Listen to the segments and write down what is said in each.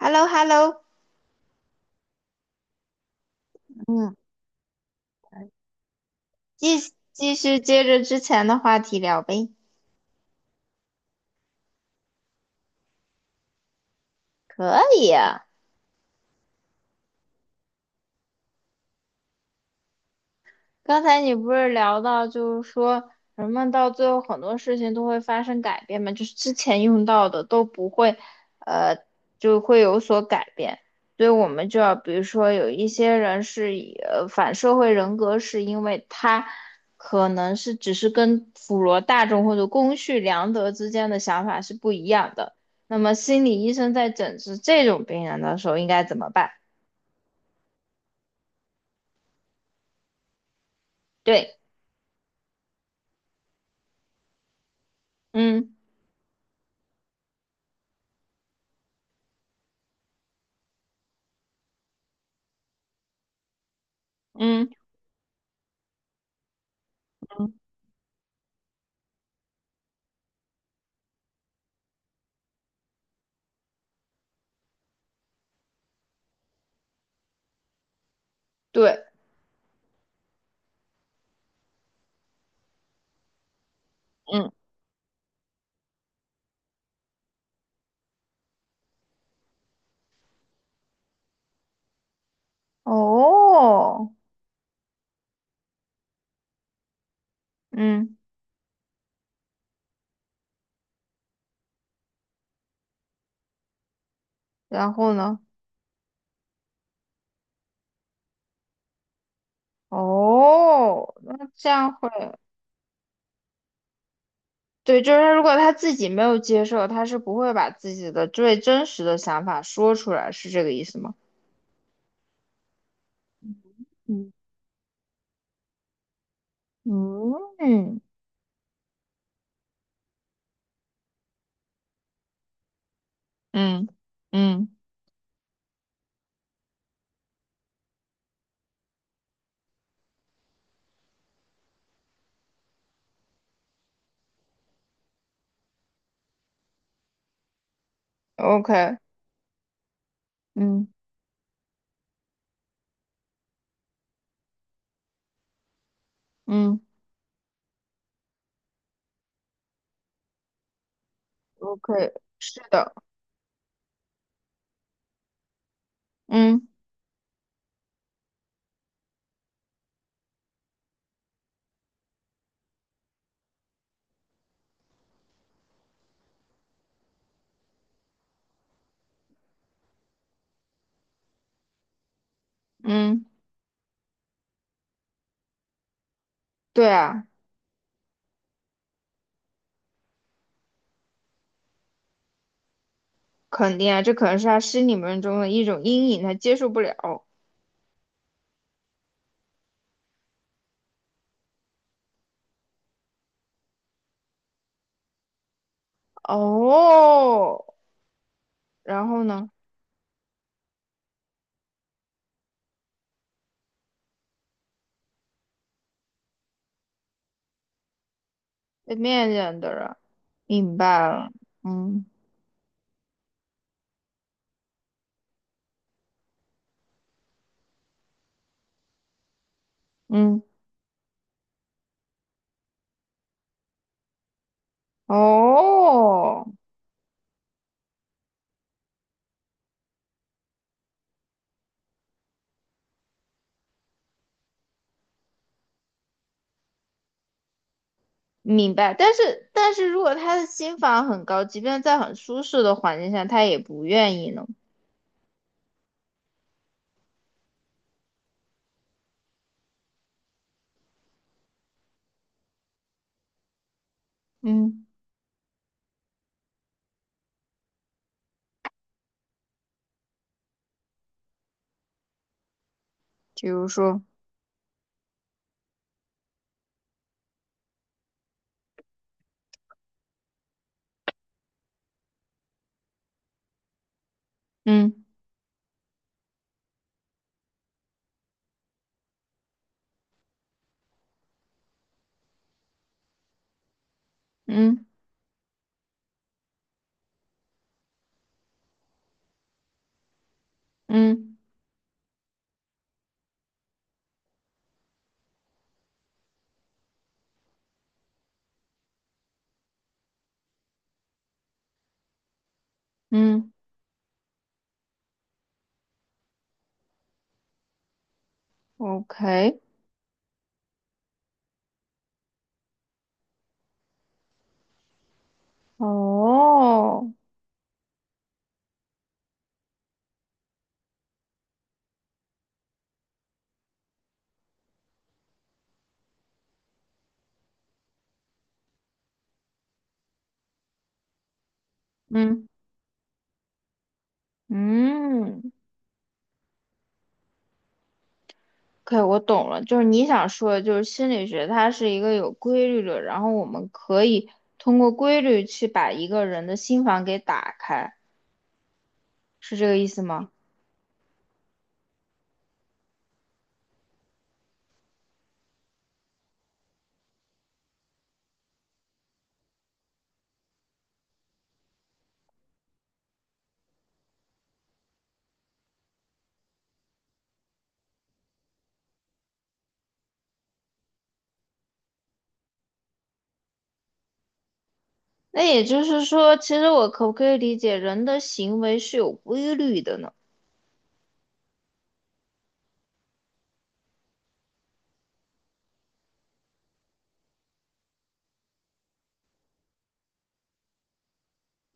h e l l o h e l l o 嗯，继继续接着之前的话题聊呗。刚才你不是聊到，就是说人们到最后很多事情都会发生改变嘛，就是之前用到的都不会，呃，就会有所改变。所以我们就要，比如说有一些人是以反社会人格，是因为他可能是只是跟普罗大众或者公序良德之间的想法是不一样的。那么心理医生在诊治这种病人的时候应该怎么办？对，嗯嗯，对。嗯。哦，嗯，然后呢？哦，那这样会，对，就是如果他自己没有接受，他是不会把自己的最真实的想法说出来，是这个意思吗？嗯，嗯嗯嗯嗯 o k 嗯嗯，OK，是的，嗯嗯，对啊，肯定啊，这可能是他心里面中的一种阴影，他接受不了。哦，然后呢？被面见的人。明白了，嗯嗯，哦，明白。但是，但是如果他的心房很高，即便在很舒适的环境下，他也不愿意呢。嗯，比如说，嗯嗯嗯嗯，OK，哦，嗯嗯，OK，我懂了。就是你想说的，就是心理学它是一个有规律的，然后我们可以通过规律去把一个人的心房给打开，是这个意思吗？那也就是说，其实我可不可以理解人的行为是有规律的呢？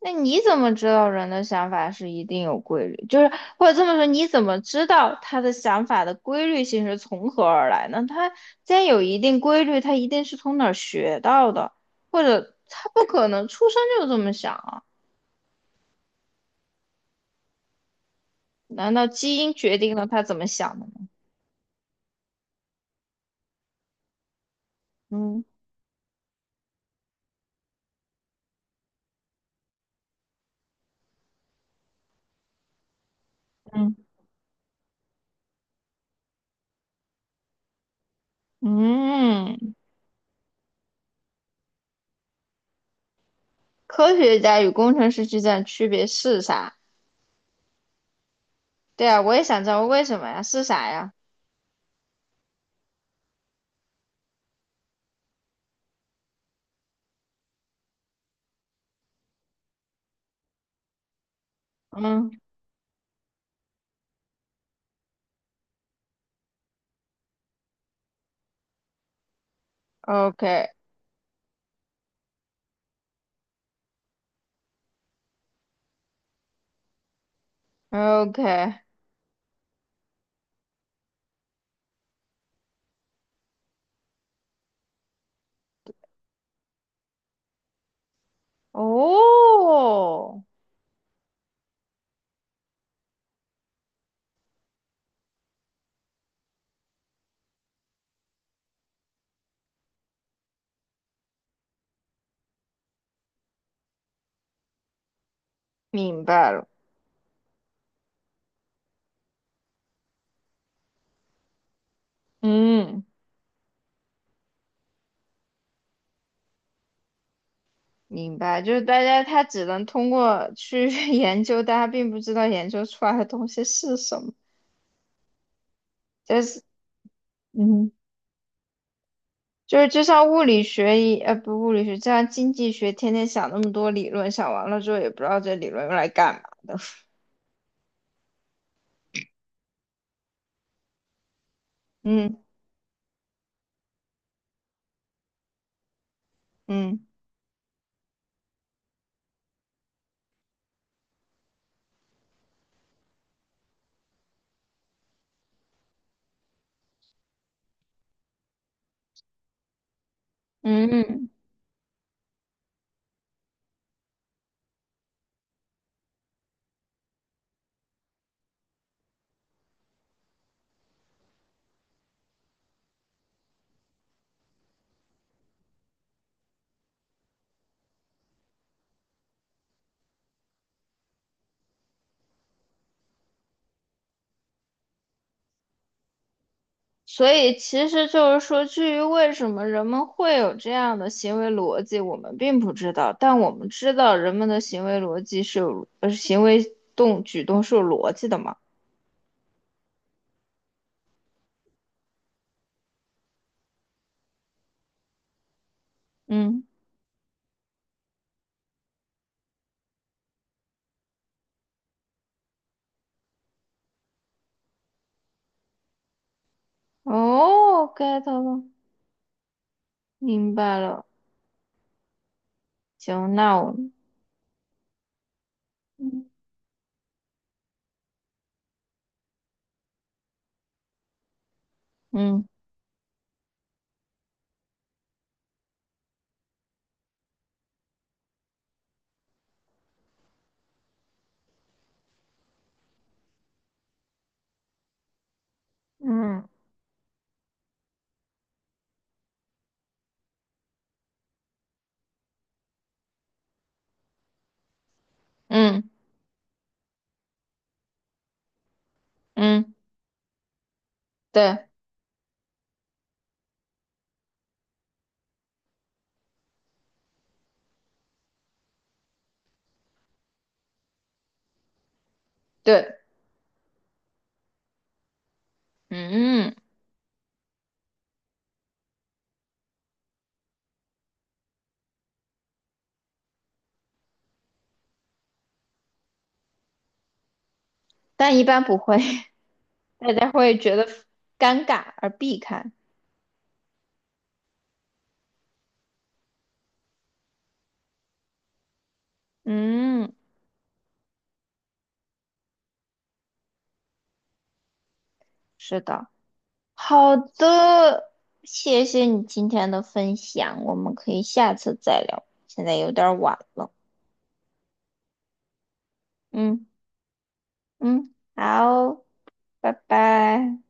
那你怎么知道人的想法是一定有规律？就是或者这么说，你怎么知道他的想法的规律性是从何而来呢？他既然有一定规律，他一定是从哪儿学到的，或者他不可能出生就这么想啊？难道基因决定了他怎么想的吗？嗯嗯，嗯，科学家与工程师之间的区别是啥？对啊，我也想知道为什么呀？是啥呀？嗯，OK OK，哦，明白了，嗯，明白，就是大家他只能通过去 研究，但他并不知道研究出来的东西是什么，就是嗯，就是就像物理学不物理学，就像经济学，天天想那么多理论，想完了之后也不知道这理论用来干嘛的，嗯嗯嗯。嗯所以其实就是说，至于为什么人们会有这样的行为逻辑，我们并不知道，但我们知道人们的行为逻辑是有，行为举动是有逻辑的嘛。嗯，哦，get 了，明白了。行，那我，嗯嗯嗯，嗯嗯，对对，嗯，但一般不会，大家会觉得尴尬而避开。嗯，是的。好的，谢谢你今天的分享，我们可以下次再聊，现在有点晚了。嗯嗯，好，拜拜。